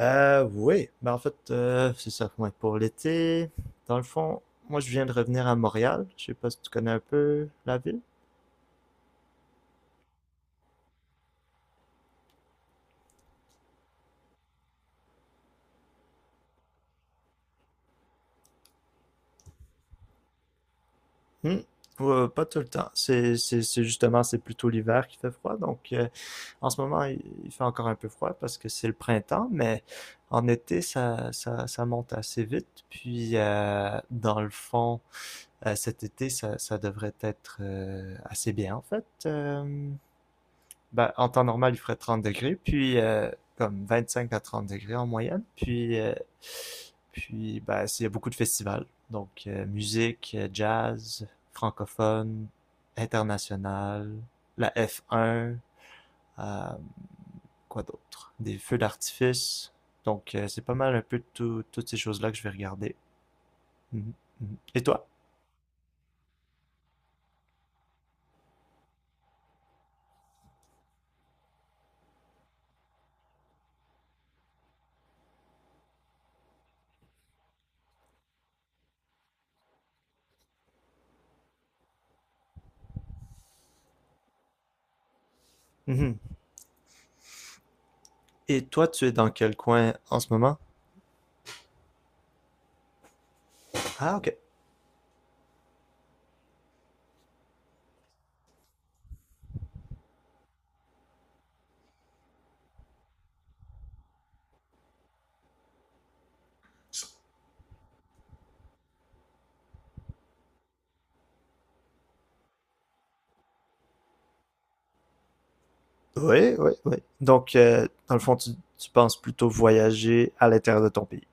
Oui, mais en fait, c'est ça. Ouais, pour l'été, dans le fond, moi je viens de revenir à Montréal. Je sais pas si tu connais un peu la ville. Hmm. Ouais, pas tout le temps. C'est justement, c'est plutôt l'hiver qui fait froid. Donc, en ce moment, il fait encore un peu froid parce que c'est le printemps, mais en été, ça monte assez vite. Puis, dans le fond, cet été, ça devrait être assez bien, en fait. Ben, en temps normal, il ferait 30 degrés, puis comme 5 à 30 degrés en moyenne. Puis, puis ben, il y a beaucoup de festivals. Donc, musique, jazz, francophone, international, la F1, euh, quoi d'autre? Des feux d'artifice. Donc, c'est pas mal un peu toutes ces choses-là que je vais regarder. Mhm, mhm. Et toi? Mhm. Et toi, tu es dans quel coin en ce moment? Ah, ok. Oui, oui, oui. Donc, dans le fond, tu penses plutôt voyager à l'intérieur de ton pays.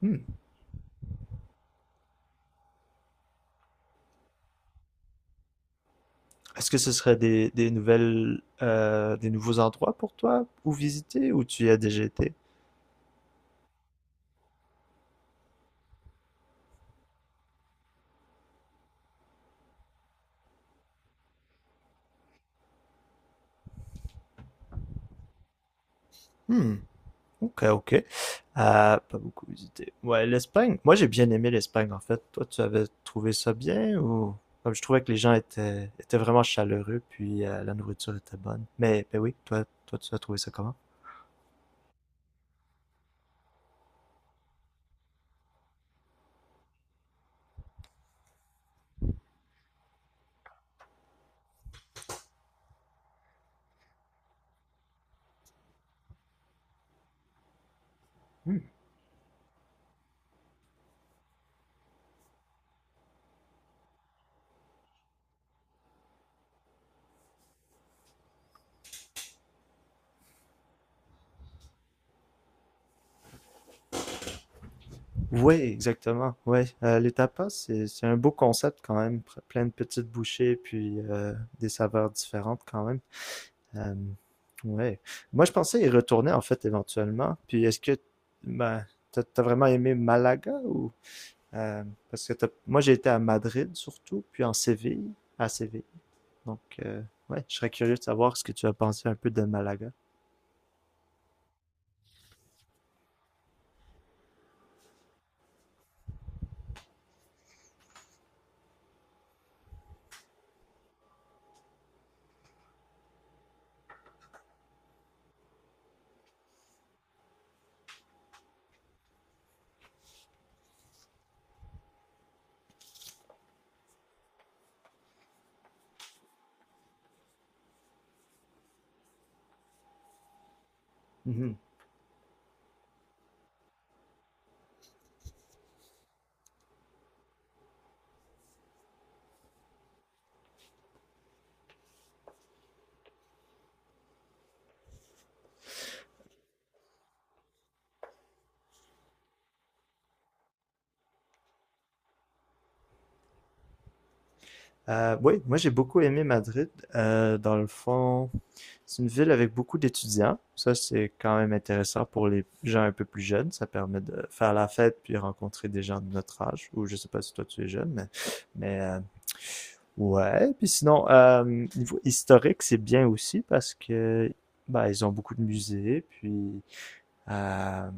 Hmm. Est-ce que ce serait des nouvelles, des nouveaux endroits pour toi ou visiter ou tu y as déjà été? Hmm. Ok, ok. Pas beaucoup visité. Ouais, l'Espagne. Moi, j'ai bien aimé l'Espagne, en fait. Toi, tu avais trouvé ça bien ou... Comme je trouvais que les étaient vraiment chaleureux, puis la nourriture était bonne. Mais oui, toi, tu as trouvé ça comment? Ouais, exactement. Ouais, les tapas, c'est un beau concept quand même, plein de petites bouchées puis des saveurs différentes quand même. Euh, ouais. Moi, je pensais y retourner en fait éventuellement. Puis est-ce que ben, t'as vraiment aimé Malaga ou euh, parce que moi j'ai été à Madrid surtout, puis à Séville. Donc ouais, je serais curieux de savoir ce que tu as pensé un peu de Malaga. Mhm. Oui, moi j'ai beaucoup aimé Madrid. Dans le fond. C'est une ville avec beaucoup d'étudiants. Ça, c'est quand même intéressant pour les gens un peu plus jeunes. Ça permet de faire la fête puis rencontrer des gens de notre âge. Ou je sais pas si toi tu es jeune, mais ouais. Puis sinon, niveau historique, c'est bien aussi parce que bah, ils ont beaucoup de musées. Puis euh,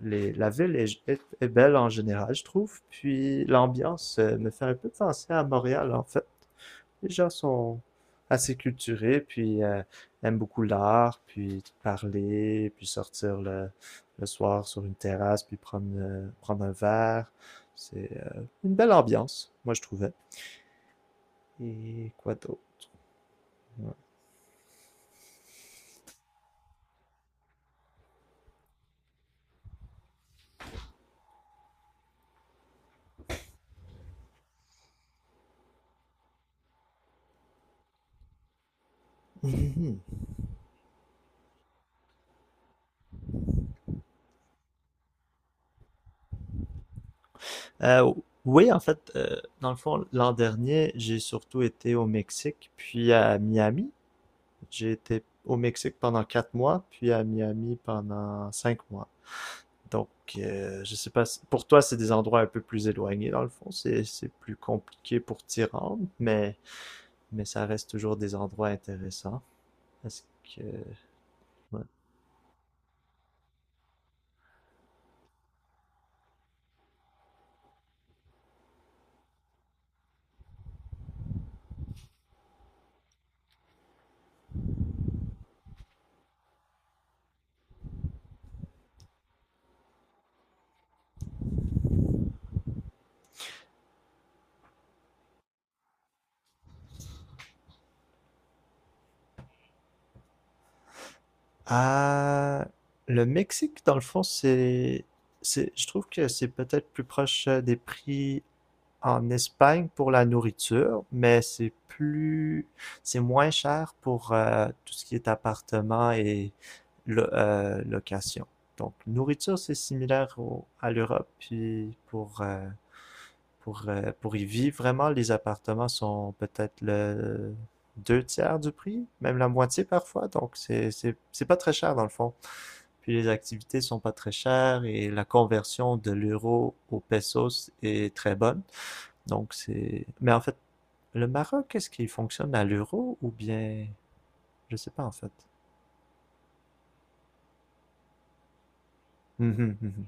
la ville est belle en général, je trouve. Puis l'ambiance me fait un peu penser à Montréal, en fait les gens sont assez culturés, puis aiment beaucoup l'art, puis parler, puis sortir le soir sur une terrasse, puis prendre un verre. C'est une belle ambiance, moi je trouvais. Et quoi d'autre? Ouais. Euh, oui, en fait, dans le fond, l'an dernier, j'ai surtout été au Mexique, puis à Miami. J'ai été au Mexique pendant 4 mois, puis à Miami pendant 5 mois. Donc, je sais pas, pour toi, c'est des endroits un peu plus éloignés, dans le fond. C'est plus compliqué pour t'y rendre, mais ça reste toujours des endroits intéressants. Parce que, ouais. Ah, le Mexique, dans le fond, c'est, je trouve que c'est peut-être plus proche des prix en Espagne pour la nourriture, mais c'est moins cher pour tout ce qui est appartement et location. Donc, nourriture, c'est similaire à l'Europe. Puis pour y vivre vraiment, les appartements sont peut-être le deux tiers du prix, même la moitié parfois. Donc, c'est pas très cher dans le fond. Puis les activités sont pas très chères et la conversion de l'euro au pesos est très bonne. Donc c'est... Mais en fait, le Maroc, est-ce qu'il fonctionne à l'euro ou bien... Je sais pas en fait. Mhm, mhm,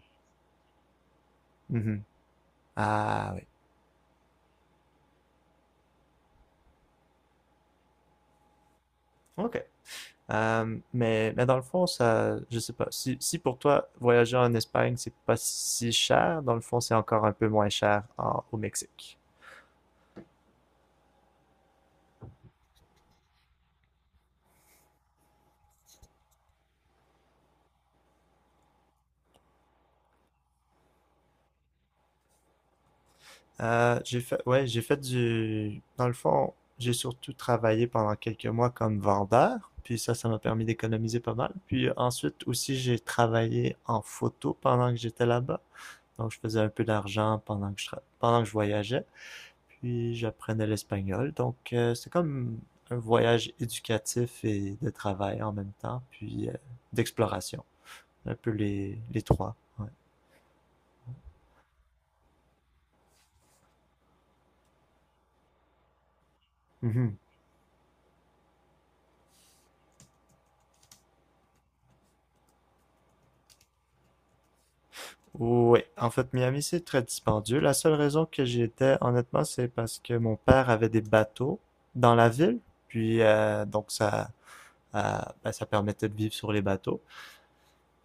mhm. Ah oui. OK. Mais dans le fond, ça, je sais pas. Si, si pour toi, voyager en Espagne, c'est pas si cher, dans le fond, c'est encore un peu moins cher au Mexique. J'ai fait dans le fond, j'ai surtout travaillé pendant quelques mois comme vendeur, puis ça m'a permis d'économiser pas mal. Puis ensuite aussi, j'ai travaillé en photo pendant que j'étais là-bas. Donc, je faisais un peu d'argent pendant que pendant que je voyageais. Puis, j'apprenais l'espagnol. Donc, c'est comme un voyage éducatif et de travail en même temps, puis d'exploration. Un peu les trois. Ouais. Ouais, en fait, Miami, c'est très dispendieux. La seule raison que j'y étais, honnêtement, c'est parce que mon père avait des bateaux dans la ville, puis donc ça, euh, ben, ça permettait de vivre sur les bateaux.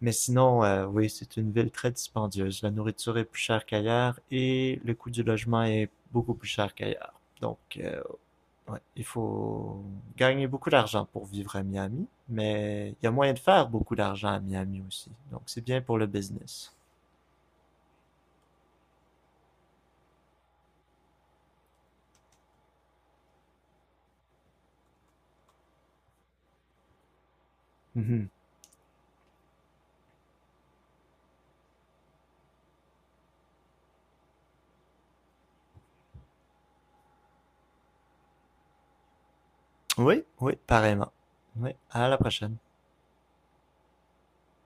Mais sinon, oui, c'est une ville très dispendieuse. La nourriture est plus chère qu'ailleurs et le coût du logement est beaucoup plus cher qu'ailleurs. Donc, ouais, il faut gagner beaucoup d'argent pour vivre à Miami, mais il y a moyen de faire beaucoup d'argent à Miami aussi. Donc, c'est bien pour le business. Oui, oui, pareillement. Oui, à la prochaine.